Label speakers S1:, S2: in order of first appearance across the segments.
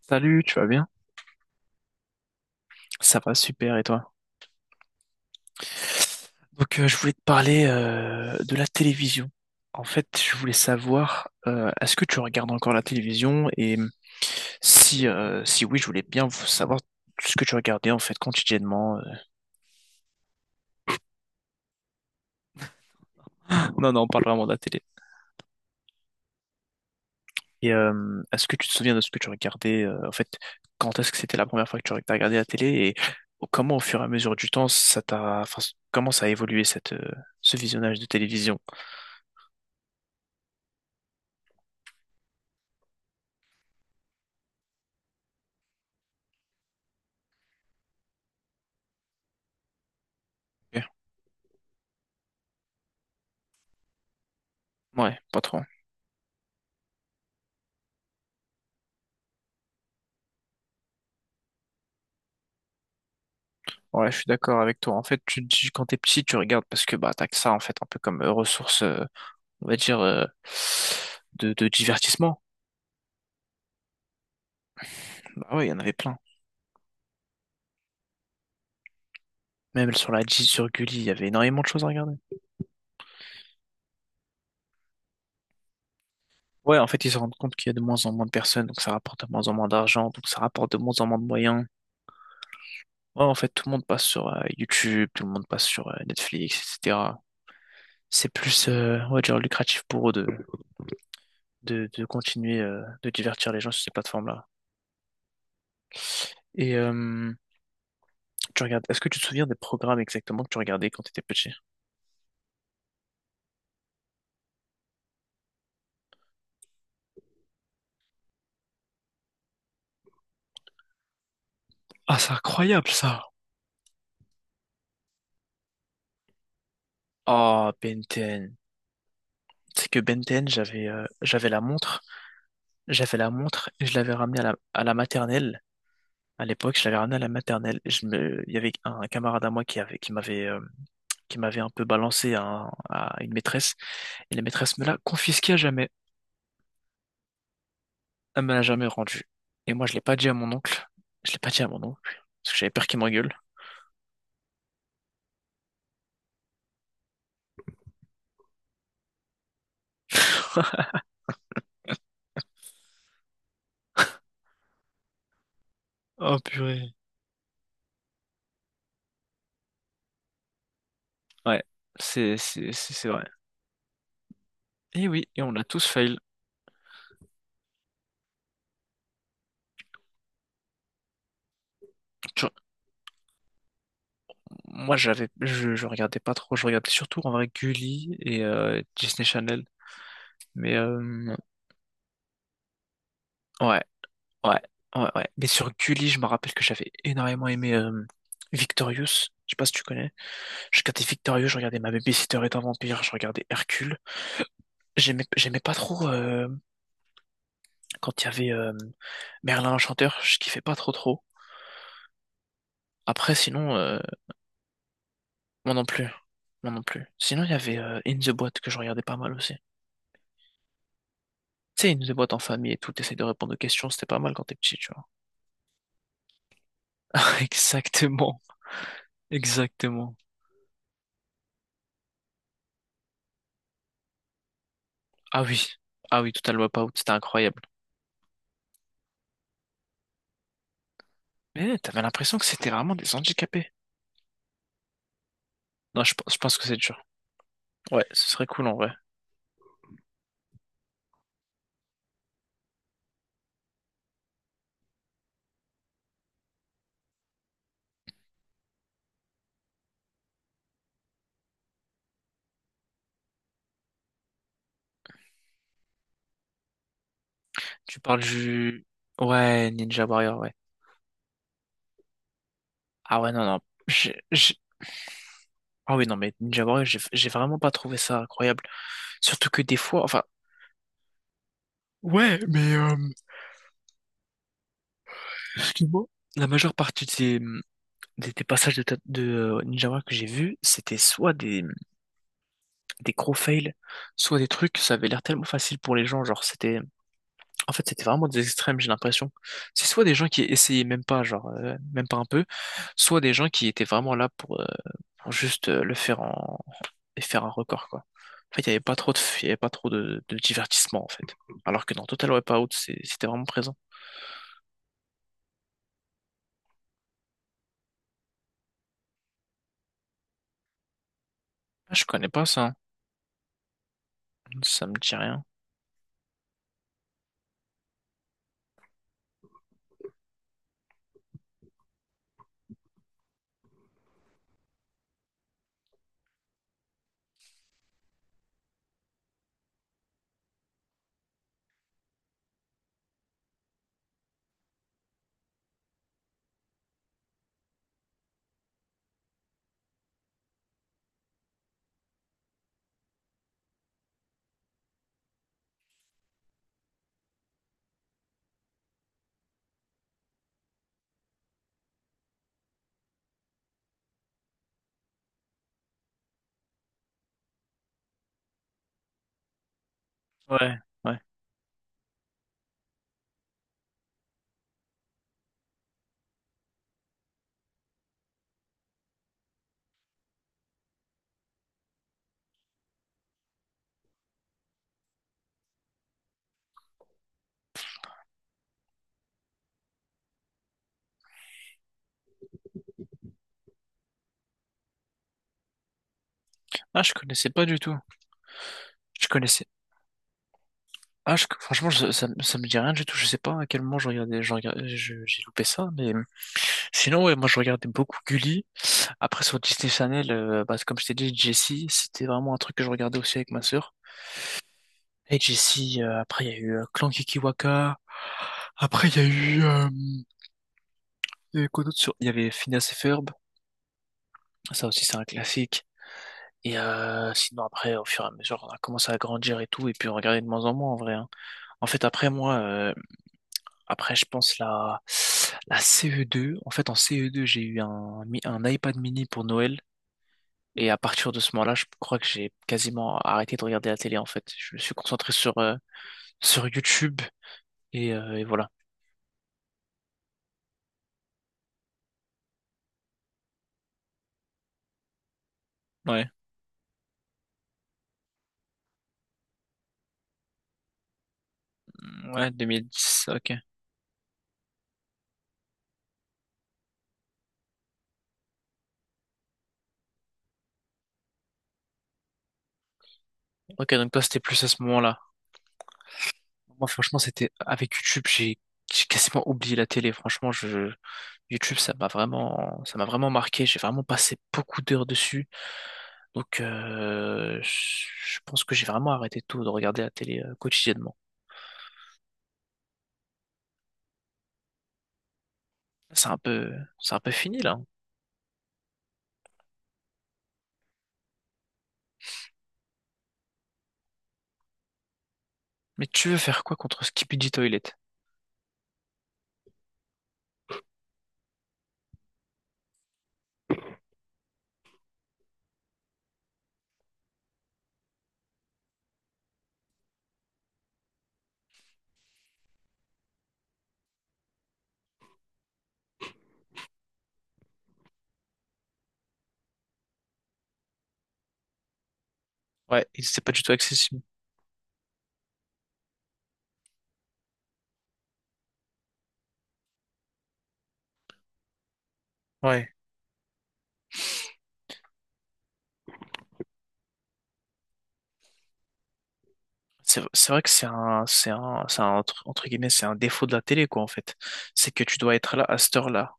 S1: Salut, tu vas bien? Ça va, super, et toi? Donc, je voulais te parler de la télévision. En fait, je voulais savoir, est-ce que tu regardes encore la télévision? Et si, si oui, je voulais bien vous savoir ce que tu regardais en fait quotidiennement. Non, on parle vraiment de la télé. Et est-ce que tu te souviens de ce que tu regardais en fait? Quand est-ce que c'était la première fois que tu as regardé la télé et comment, au fur et à mesure du temps, comment ça a évolué ce visionnage de télévision? Ouais, pas trop. Ouais, je suis d'accord avec toi. En fait, tu te dis quand t'es petit, tu regardes parce que bah t'as que ça en fait, un peu comme ressource, on va dire, de divertissement. Bah ouais, il y en avait plein. Même sur la G, sur Gulli, il y avait énormément de choses à regarder. Ouais, en fait, ils se rendent compte qu'il y a de moins en moins de personnes, donc ça rapporte de moins en moins d'argent, donc ça rapporte de moins en moins de moyens. Ouais, en fait, tout le monde passe sur YouTube, tout le monde passe sur Netflix, etc. C'est plus, on va dire, lucratif pour eux de continuer de divertir les gens sur ces plateformes-là. Et tu regardes, est-ce que tu te souviens des programmes exactement que tu regardais quand tu étais petit? Ah, c'est incroyable ça. Oh, Ben 10. C'est que Ben 10, j'avais la montre et je l'avais ramenée à la maternelle. À l'époque, je l'avais ramenée à la maternelle. Et il y avait un, camarade à moi qui avait, qui m'avait un peu balancé à, à une maîtresse et la maîtresse me l'a confisqué à jamais. Elle me l'a jamais rendu. Et moi, je l'ai pas dit à mon oncle. Je l'ai pas dit à mon oncle parce que j'avais peur qu'il m'engueule. Oh purée. Ouais, c'est vrai. Et oui, et on a tous fail. Tu- Moi, je regardais pas trop, je regardais surtout en vrai Gulli et Disney Channel. Mais ouais, ouais, ouais. Mais sur Gulli, je me rappelle que j'avais énormément aimé Victorious. Je sais pas si tu connais. Je regardais Victorious, je regardais Ma Babysitter est un vampire, je regardais Hercule. J'aimais pas trop quand il y avait Merlin l'Enchanteur, je kiffais pas trop. Après, sinon, moi non plus, moi non plus. Sinon, il y avait In the Boîte que je regardais pas mal aussi. Tu sais, ils nous déboîtent en famille et tout, t'essayes de répondre aux questions, c'était pas mal quand t'es petit, tu vois. Exactement, exactement. Ah oui, ah oui, Total Wipeout, c'était incroyable. Mais t'avais l'impression que c'était vraiment des handicapés. Non, je pense que c'est dur. Ouais, ce serait cool en vrai. Tu parles du... Ouais, Ninja Warrior, ouais. Ah ouais, non, non. j'ai- j'ai- Ah oui, non, mais Ninja Warrior, j'ai vraiment pas trouvé ça incroyable. Surtout que des fois, enfin... Ouais, mais excuse-moi. La majeure partie des passages de Ninja Warrior que j'ai vus, c'était soit des gros fails, soit des trucs, ça avait l'air tellement facile pour les gens, en fait c'était vraiment des extrêmes, j'ai l'impression. C'est soit des gens qui essayaient même pas, même pas un peu, soit des gens qui étaient vraiment là pour juste le faire en et faire un record quoi. En fait, il y avait pas trop de divertissement en fait. Alors que dans Total Wipeout, c'était vraiment présent. Ah, je connais pas ça, hein. Ça me dit rien. Ouais, ouais. Ah, je connaissais pas du tout. Je connaissais. Ah, franchement, ça me dit rien du tout. Je sais pas à quel moment je regardais, j'ai loupé ça, mais sinon, ouais, moi, je regardais beaucoup Gulli. Après, sur Disney Channel, bah, comme je t'ai dit, Jessie, c'était vraiment un truc que je regardais aussi avec ma sœur. Et Jessie, après, il y a eu Clan Kikiwaka. Après, il y a eu, il y avait quoi d'autre sur, il y avait Phineas et Ferb. Ça aussi, c'est un classique. Et sinon, après, au fur et à mesure, on a commencé à grandir et tout, et puis on regardait de moins en moins, en vrai. Hein. En fait, après, moi, Après, je pense la CE2. En fait, en CE2, j'ai eu un iPad mini pour Noël. Et à partir de ce moment-là, je crois que j'ai quasiment arrêté de regarder la télé, en fait. Je me suis concentré sur, sur YouTube et voilà. Ouais, ouais, 2010, ok. Ok, donc toi, c'était plus à ce moment-là. Moi, franchement, c'était avec YouTube, j'ai quasiment oublié la télé. YouTube, ça m'a vraiment marqué. J'ai vraiment passé beaucoup d'heures dessus. Donc, je pense que j'ai vraiment arrêté tout de regarder la télé quotidiennement. C'est un peu, c'est un peu fini là. Hein. Mais tu veux faire quoi contre Skibidi Toilet? Ouais, il c'est pas du tout accessible. Ouais. C'est vrai que c'est un, entre guillemets, c'est un défaut de la télé, quoi, en fait. C'est que tu dois être là à cette heure-là.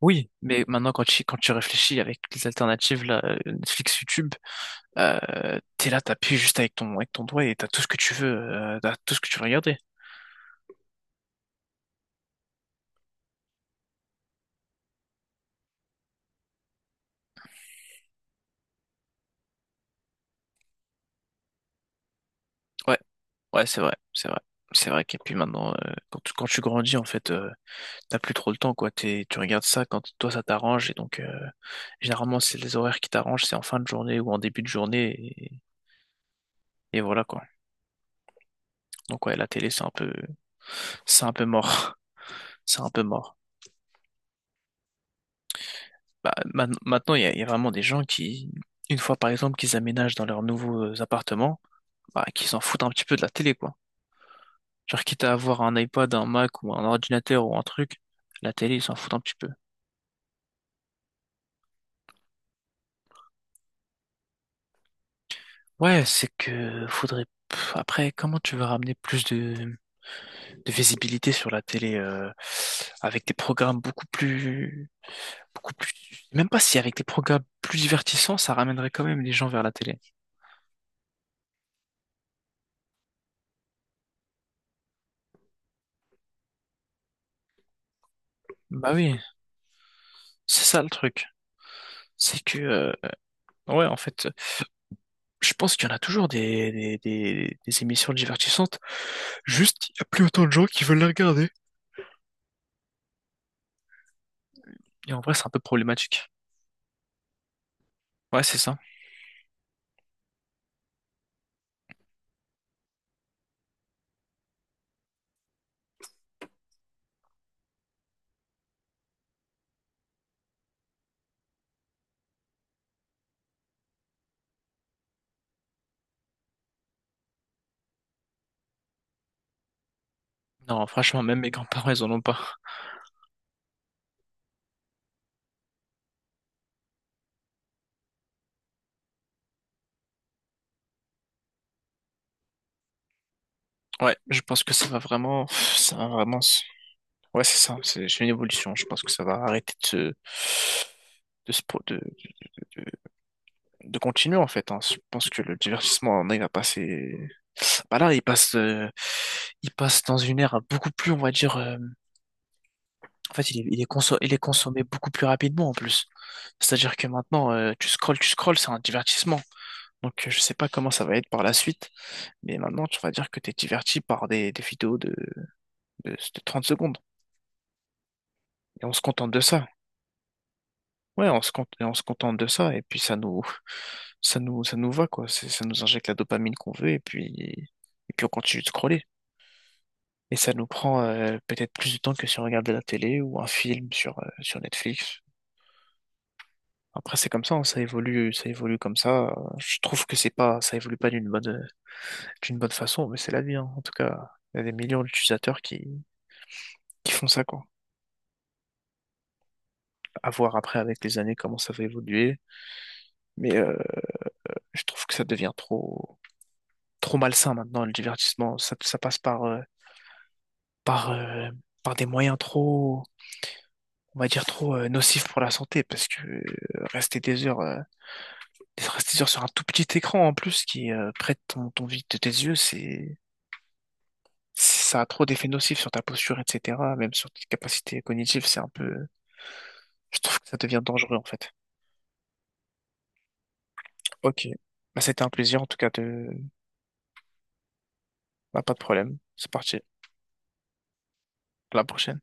S1: Oui, mais maintenant, quand tu réfléchis avec les alternatives, là, Netflix, YouTube, Euh, t'es là, t'appuies juste avec ton doigt et t'as tout ce que tu veux, t'as tout ce que tu veux regarder. Ouais, ouais, c'est vrai. C'est vrai qu'et puis maintenant, quand tu grandis, en fait, t'as plus trop le temps, quoi. Tu regardes ça quand toi, ça t'arrange. Et donc, généralement, c'est les horaires qui t'arrangent, c'est en fin de journée ou en début de journée. Et voilà, quoi. Donc, ouais, la télé, c'est un peu mort. C'est un peu mort. Bah, maintenant, il y a vraiment des gens qui, une fois par exemple qu'ils aménagent dans leurs nouveaux appartements, bah, qui s'en foutent un petit peu de la télé, quoi. Genre, quitte à avoir un iPad, un Mac ou un ordinateur ou un truc, la télé, ils s'en foutent un petit peu. Ouais, c'est que faudrait. Pff, après, comment tu vas ramener plus de visibilité sur la télé avec des programmes beaucoup plus, beaucoup plus. Même pas si avec des programmes plus divertissants, ça ramènerait quand même les gens vers la télé. Bah oui, c'est ça le truc. C'est que, ouais, en fait. Je pense qu'il y en a toujours des émissions divertissantes. Juste, il n'y a plus autant de gens qui veulent les regarder. Et en vrai, c'est un peu problématique. Ouais, c'est ça. Non, franchement, même mes grands-parents, ils en ont pas. Ouais, je pense que ça va vraiment. Ouais, c'est ça. C'est une évolution. Je pense que ça va arrêter de se pro- de, de- de continuer en fait. Hein. Je pense que le divertissement, on il va passer. Bah là, il passe dans une ère beaucoup plus, on va dire. En fait, il est consommé beaucoup plus rapidement en plus. C'est-à-dire que maintenant, tu scrolles, c'est un divertissement. Donc, je sais pas comment ça va être par la suite, mais maintenant, tu vas dire que tu es diverti par des vidéos de 30 secondes. Et on se contente de ça. Ouais, on se contente de ça, et puis ça nous va, quoi. Ça nous injecte la dopamine qu'on veut, et puis on continue de scroller. Et ça nous prend peut-être plus de temps que si on regardait la télé ou un film sur, sur Netflix. Après, c'est comme ça, hein, ça évolue comme ça. Je trouve que c'est pas, ça évolue pas d'une bonne façon, mais c'est la vie, hein. En tout cas, il y a des millions d'utilisateurs qui font ça, quoi. À voir après avec les années comment ça va évoluer. Mais je trouve que ça devient trop malsain maintenant, le divertissement. Ça passe par, par, euh, par des moyens trop, on va dire trop nocifs pour la santé, parce que rester des heures, euh, rester des heures sur un tout petit écran en plus qui prête ton vide de tes yeux, c'est ça a trop d'effets nocifs sur ta posture, etc., même sur tes capacités cognitives, c'est un peu... Je trouve que ça devient dangereux, en fait. Ok. Bah, c'était un plaisir, en tout cas, de... Bah, pas de problème. C'est parti. À la prochaine.